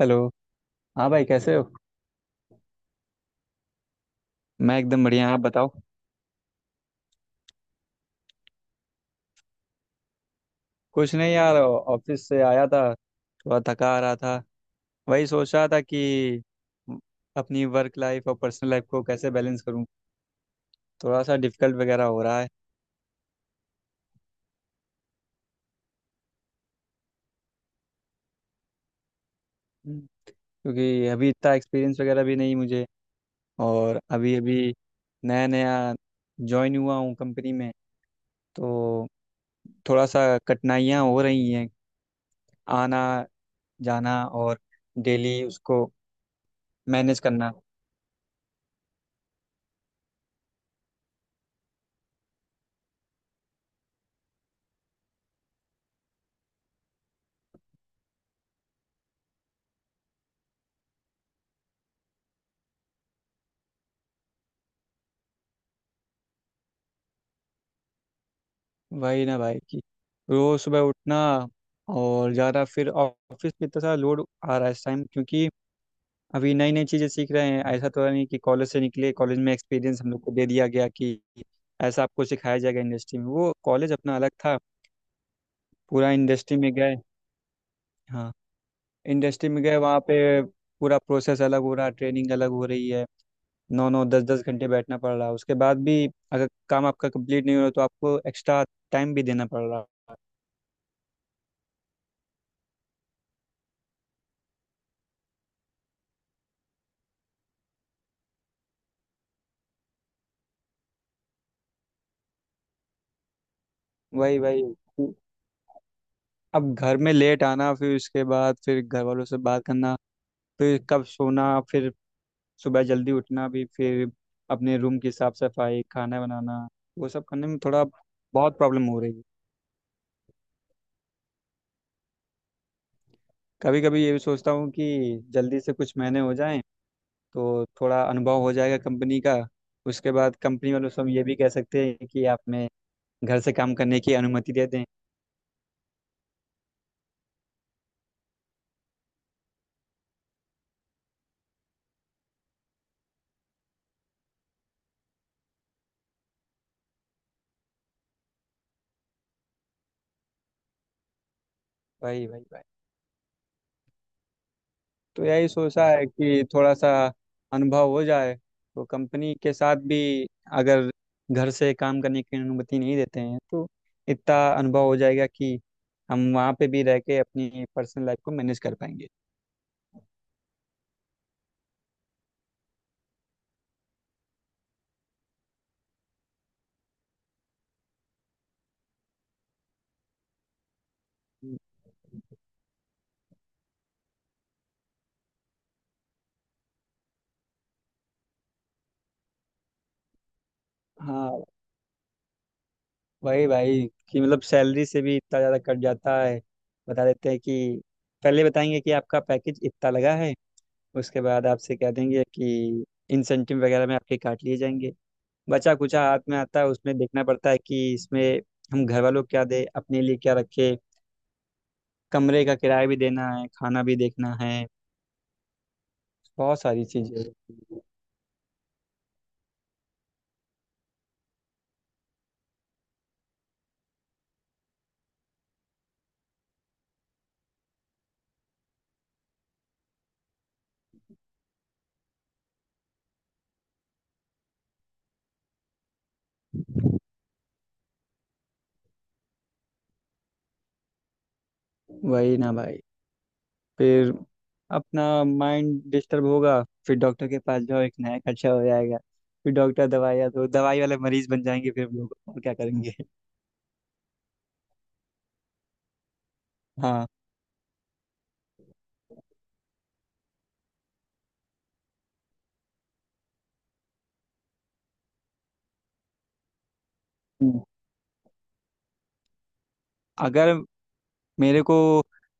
Hello. हाँ भाई, कैसे हो? मैं एकदम बढ़िया, आप बताओ। कुछ नहीं यार, ऑफिस से आया था, थोड़ा थका आ रहा था। वही सोच रहा था कि अपनी वर्क लाइफ और पर्सनल लाइफ को कैसे बैलेंस करूँ। थोड़ा सा डिफिकल्ट वगैरह हो रहा है। हम्म। क्योंकि अभी इतना एक्सपीरियंस वगैरह भी नहीं मुझे। और अभी अभी नया नया ज्वाइन हुआ हूँ कंपनी में, तो थोड़ा सा कठिनाइयाँ हो रही हैं। आना, जाना और डेली उसको मैनेज करना। वही ना भाई कि रोज सुबह उठना, और ज़्यादा फिर ऑफिस पे इतना सारा लोड आ रहा है इस टाइम, क्योंकि अभी नई नई चीज़ें सीख रहे हैं। ऐसा तो है नहीं कि कॉलेज से निकले, कॉलेज में एक्सपीरियंस हम लोग को दे दिया गया कि ऐसा आपको सिखाया जाएगा इंडस्ट्री में। वो कॉलेज अपना अलग था, पूरा इंडस्ट्री में गए। हाँ, इंडस्ट्री में गए, वहाँ पे पूरा प्रोसेस अलग हो रहा है, ट्रेनिंग अलग हो रही है। नौ नौ दस दस घंटे बैठना पड़ रहा है, उसके बाद भी अगर काम आपका कंप्लीट नहीं हो रहा तो आपको एक्स्ट्रा टाइम भी देना पड़ रहा है। वही वही। अब घर में लेट आना, फिर उसके बाद फिर घर वालों से बात करना, फिर कब सोना, फिर सुबह जल्दी उठना भी, फिर अपने रूम की साफ सफाई, खाना बनाना। वो सब करने में थोड़ा बहुत प्रॉब्लम हो रही है। कभी कभी ये भी सोचता हूँ कि जल्दी से कुछ महीने हो जाएं तो थोड़ा अनुभव हो जाएगा कंपनी का। उसके बाद कंपनी वालों से हम ये भी कह सकते हैं कि आप में घर से काम करने की अनुमति दे दें। भाई भाई भाई। तो यही सोचा है कि थोड़ा सा अनुभव हो जाए तो कंपनी के साथ भी, अगर घर से काम करने की अनुमति नहीं देते हैं तो इतना अनुभव हो जाएगा कि हम वहाँ पे भी रह के अपनी पर्सनल लाइफ को मैनेज कर पाएंगे। हाँ, वही भाई कि मतलब सैलरी से भी इतना ज़्यादा कट जाता है। बता देते हैं कि पहले बताएंगे कि आपका पैकेज इतना लगा है, उसके बाद आपसे कह देंगे कि इंसेंटिव वगैरह में आपके काट लिए जाएंगे। बचा कुचा हाथ में आता है, उसमें देखना पड़ता है कि इसमें हम घर वालों को क्या दे, अपने लिए क्या रखे। कमरे का किराया भी देना है, खाना भी देखना है, बहुत सारी चीजें। वही ना भाई, फिर अपना माइंड डिस्टर्ब होगा, फिर डॉक्टर के पास जाओ, एक नया खर्चा हो जाएगा। फिर डॉक्टर दवाइयाँ, तो दवाई वाले मरीज बन जाएंगे फिर लोग, और क्या करेंगे। हाँ। अगर मेरे को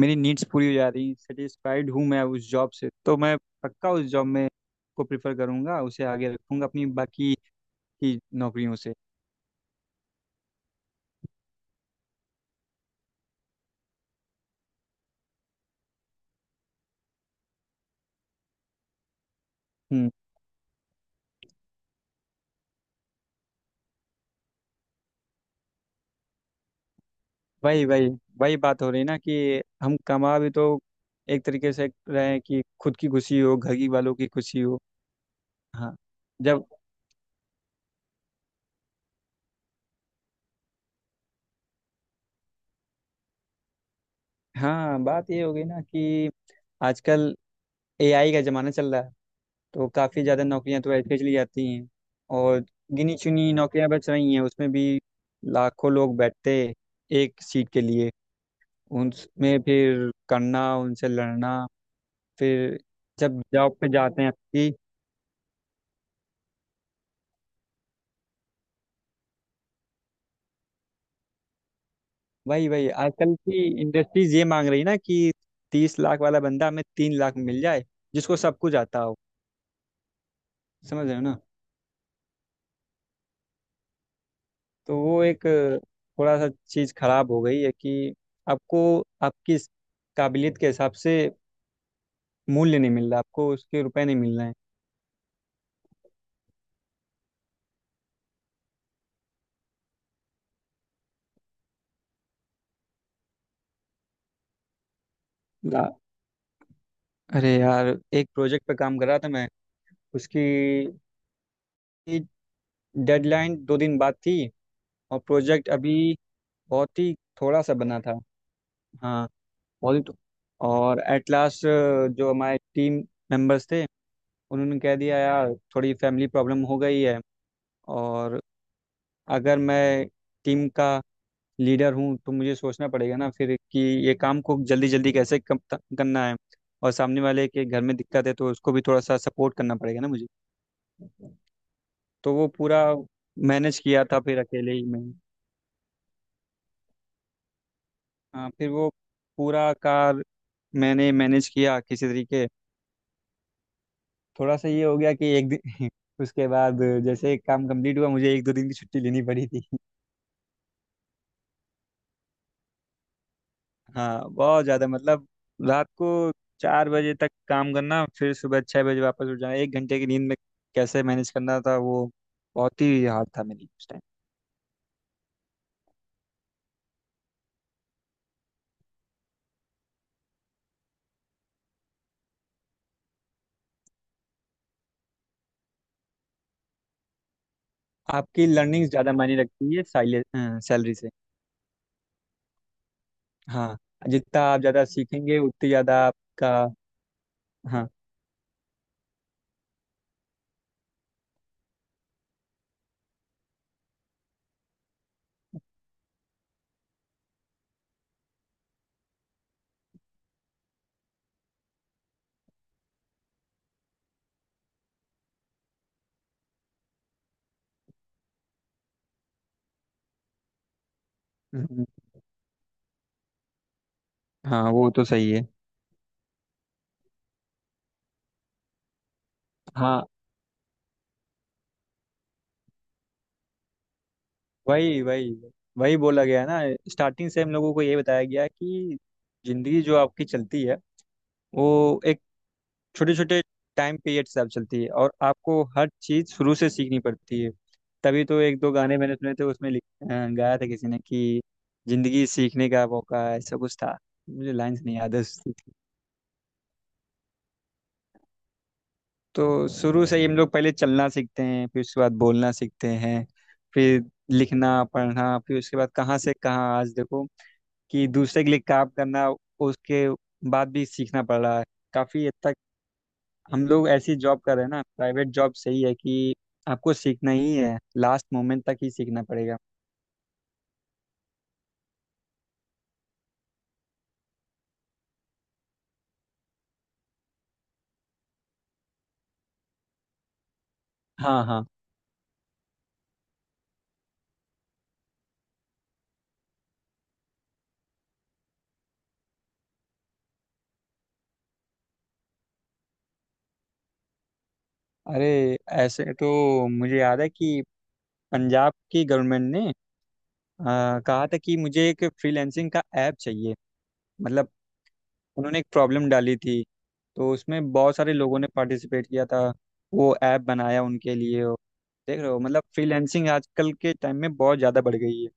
मेरी नीड्स पूरी हो जा रही, सेटिस्फाइड हूँ मैं उस जॉब से, तो मैं पक्का उस जॉब में को प्रिफर करूँगा, उसे आगे रखूँगा अपनी बाकी की नौकरियों से। हम्म। वही वही। वही बात हो रही ना कि हम कमा भी तो एक तरीके से रहे हैं कि खुद की खुशी हो, घर की वालों की खुशी हो। हाँ। जब। हाँ, बात ये हो गई ना कि आजकल एआई का ज़माना चल रहा है, तो काफ़ी ज़्यादा नौकरियां तो ऐसे चली जाती हैं, और गिनी चुनी नौकरियां बच रही हैं। उसमें भी लाखों लोग बैठते एक सीट के लिए, उनमें फिर करना, उनसे लड़ना, फिर जब जॉब पे जाते हैं आपकी। वही वही, आजकल की इंडस्ट्रीज ये मांग रही है ना कि 30 लाख वाला बंदा हमें 3 लाख मिल जाए, जिसको सब कुछ आता हो। समझ रहे हो ना। तो वो एक थोड़ा सा चीज़ खराब हो गई है कि आपको, आपकी इस काबिलियत के हिसाब से मूल्य नहीं मिल रहा, आपको उसके रुपए नहीं मिल रहे। हैं। अरे यार, एक प्रोजेक्ट पे काम कर रहा था मैं। उसकी डेडलाइन 2 दिन बाद थी, और प्रोजेक्ट अभी बहुत ही थोड़ा सा बना था। हाँ, बहुत ही। और एट लास्ट, जो हमारे टीम मेंबर्स थे, उन्होंने कह दिया यार थोड़ी फैमिली प्रॉब्लम हो गई है। और अगर मैं टीम का लीडर हूँ तो मुझे सोचना पड़ेगा ना फिर कि ये काम को जल्दी जल्दी कैसे करना है। और सामने वाले के घर में दिक्कत है तो उसको भी थोड़ा सा सपोर्ट करना पड़ेगा ना मुझे। तो वो पूरा मैनेज किया था फिर अकेले ही मैं। हाँ, फिर वो पूरा कार मैंने मैनेज किया किसी तरीके, थोड़ा सा ये हो गया कि एक दिन उसके बाद जैसे काम कंप्लीट हुआ, मुझे एक दो दिन की छुट्टी लेनी पड़ी थी। हाँ बहुत ज्यादा, मतलब रात को 4 बजे तक काम करना, फिर सुबह 6 बजे वापस उठ जाना 1 घंटे की नींद में। कैसे मैनेज करना था वो? बहुत ही हार्ड था मेरे लिए उस टाइम। आपकी लर्निंग ज्यादा मायने रखती है साइले सैलरी से। हाँ। जितना आप ज्यादा सीखेंगे उतनी ज्यादा आपका। हाँ। हम्म, हाँ वो तो सही है। हाँ। वही वही। वही बोला गया है ना, स्टार्टिंग से हम लोगों को ये बताया गया है कि जिंदगी जो आपकी चलती है, वो एक छोटे छोटे टाइम पीरियड से आप चलती है, और आपको हर चीज़ शुरू से सीखनी पड़ती है। तभी तो एक दो गाने मैंने सुने थे, उसमें गाया था किसी ने कि जिंदगी सीखने का मौका है, ऐसा कुछ था। मुझे लाइंस नहीं याद है उसकी। तो शुरू से ही हम लोग पहले चलना सीखते हैं, फिर उसके बाद बोलना सीखते हैं, फिर लिखना पढ़ना, फिर उसके बाद कहाँ से कहाँ आज देखो, कि दूसरे के लिए काम करना, उसके बाद भी सीखना पड़ रहा है। काफ़ी हद तक हम लोग ऐसी जॉब कर रहे हैं ना, प्राइवेट जॉब, सही है कि आपको सीखना ही है, लास्ट मोमेंट तक ही सीखना पड़ेगा। हाँ हाँ। अरे, ऐसे तो मुझे याद है कि पंजाब की गवर्नमेंट ने कहा था कि मुझे एक फ्रीलैंसिंग का ऐप चाहिए। मतलब उन्होंने एक प्रॉब्लम डाली थी, तो उसमें बहुत सारे लोगों ने पार्टिसिपेट किया था, वो ऐप बनाया उनके लिए। देख रहे हो, मतलब फ्रीलैंसिंग आजकल के टाइम में बहुत ज़्यादा बढ़ गई है।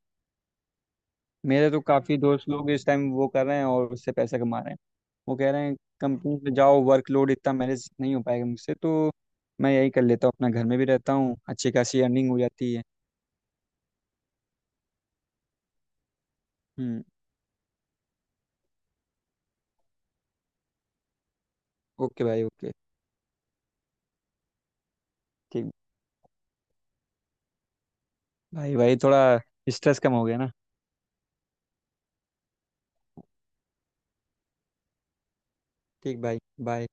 मेरे तो काफ़ी दोस्त लोग इस टाइम वो कर रहे हैं, और उससे पैसा कमा रहे हैं। वो कह रहे हैं कंपनी में जाओ, वर्कलोड इतना मैनेज नहीं हो पाएगा मुझसे, तो मैं यही कर लेता हूँ, अपना घर में भी रहता हूँ, अच्छी खासी अर्निंग हो जाती है। हम्म। ओके भाई, ओके। ठीक। भाई भाई, थोड़ा स्ट्रेस कम हो गया ना। ठीक भाई। बाय।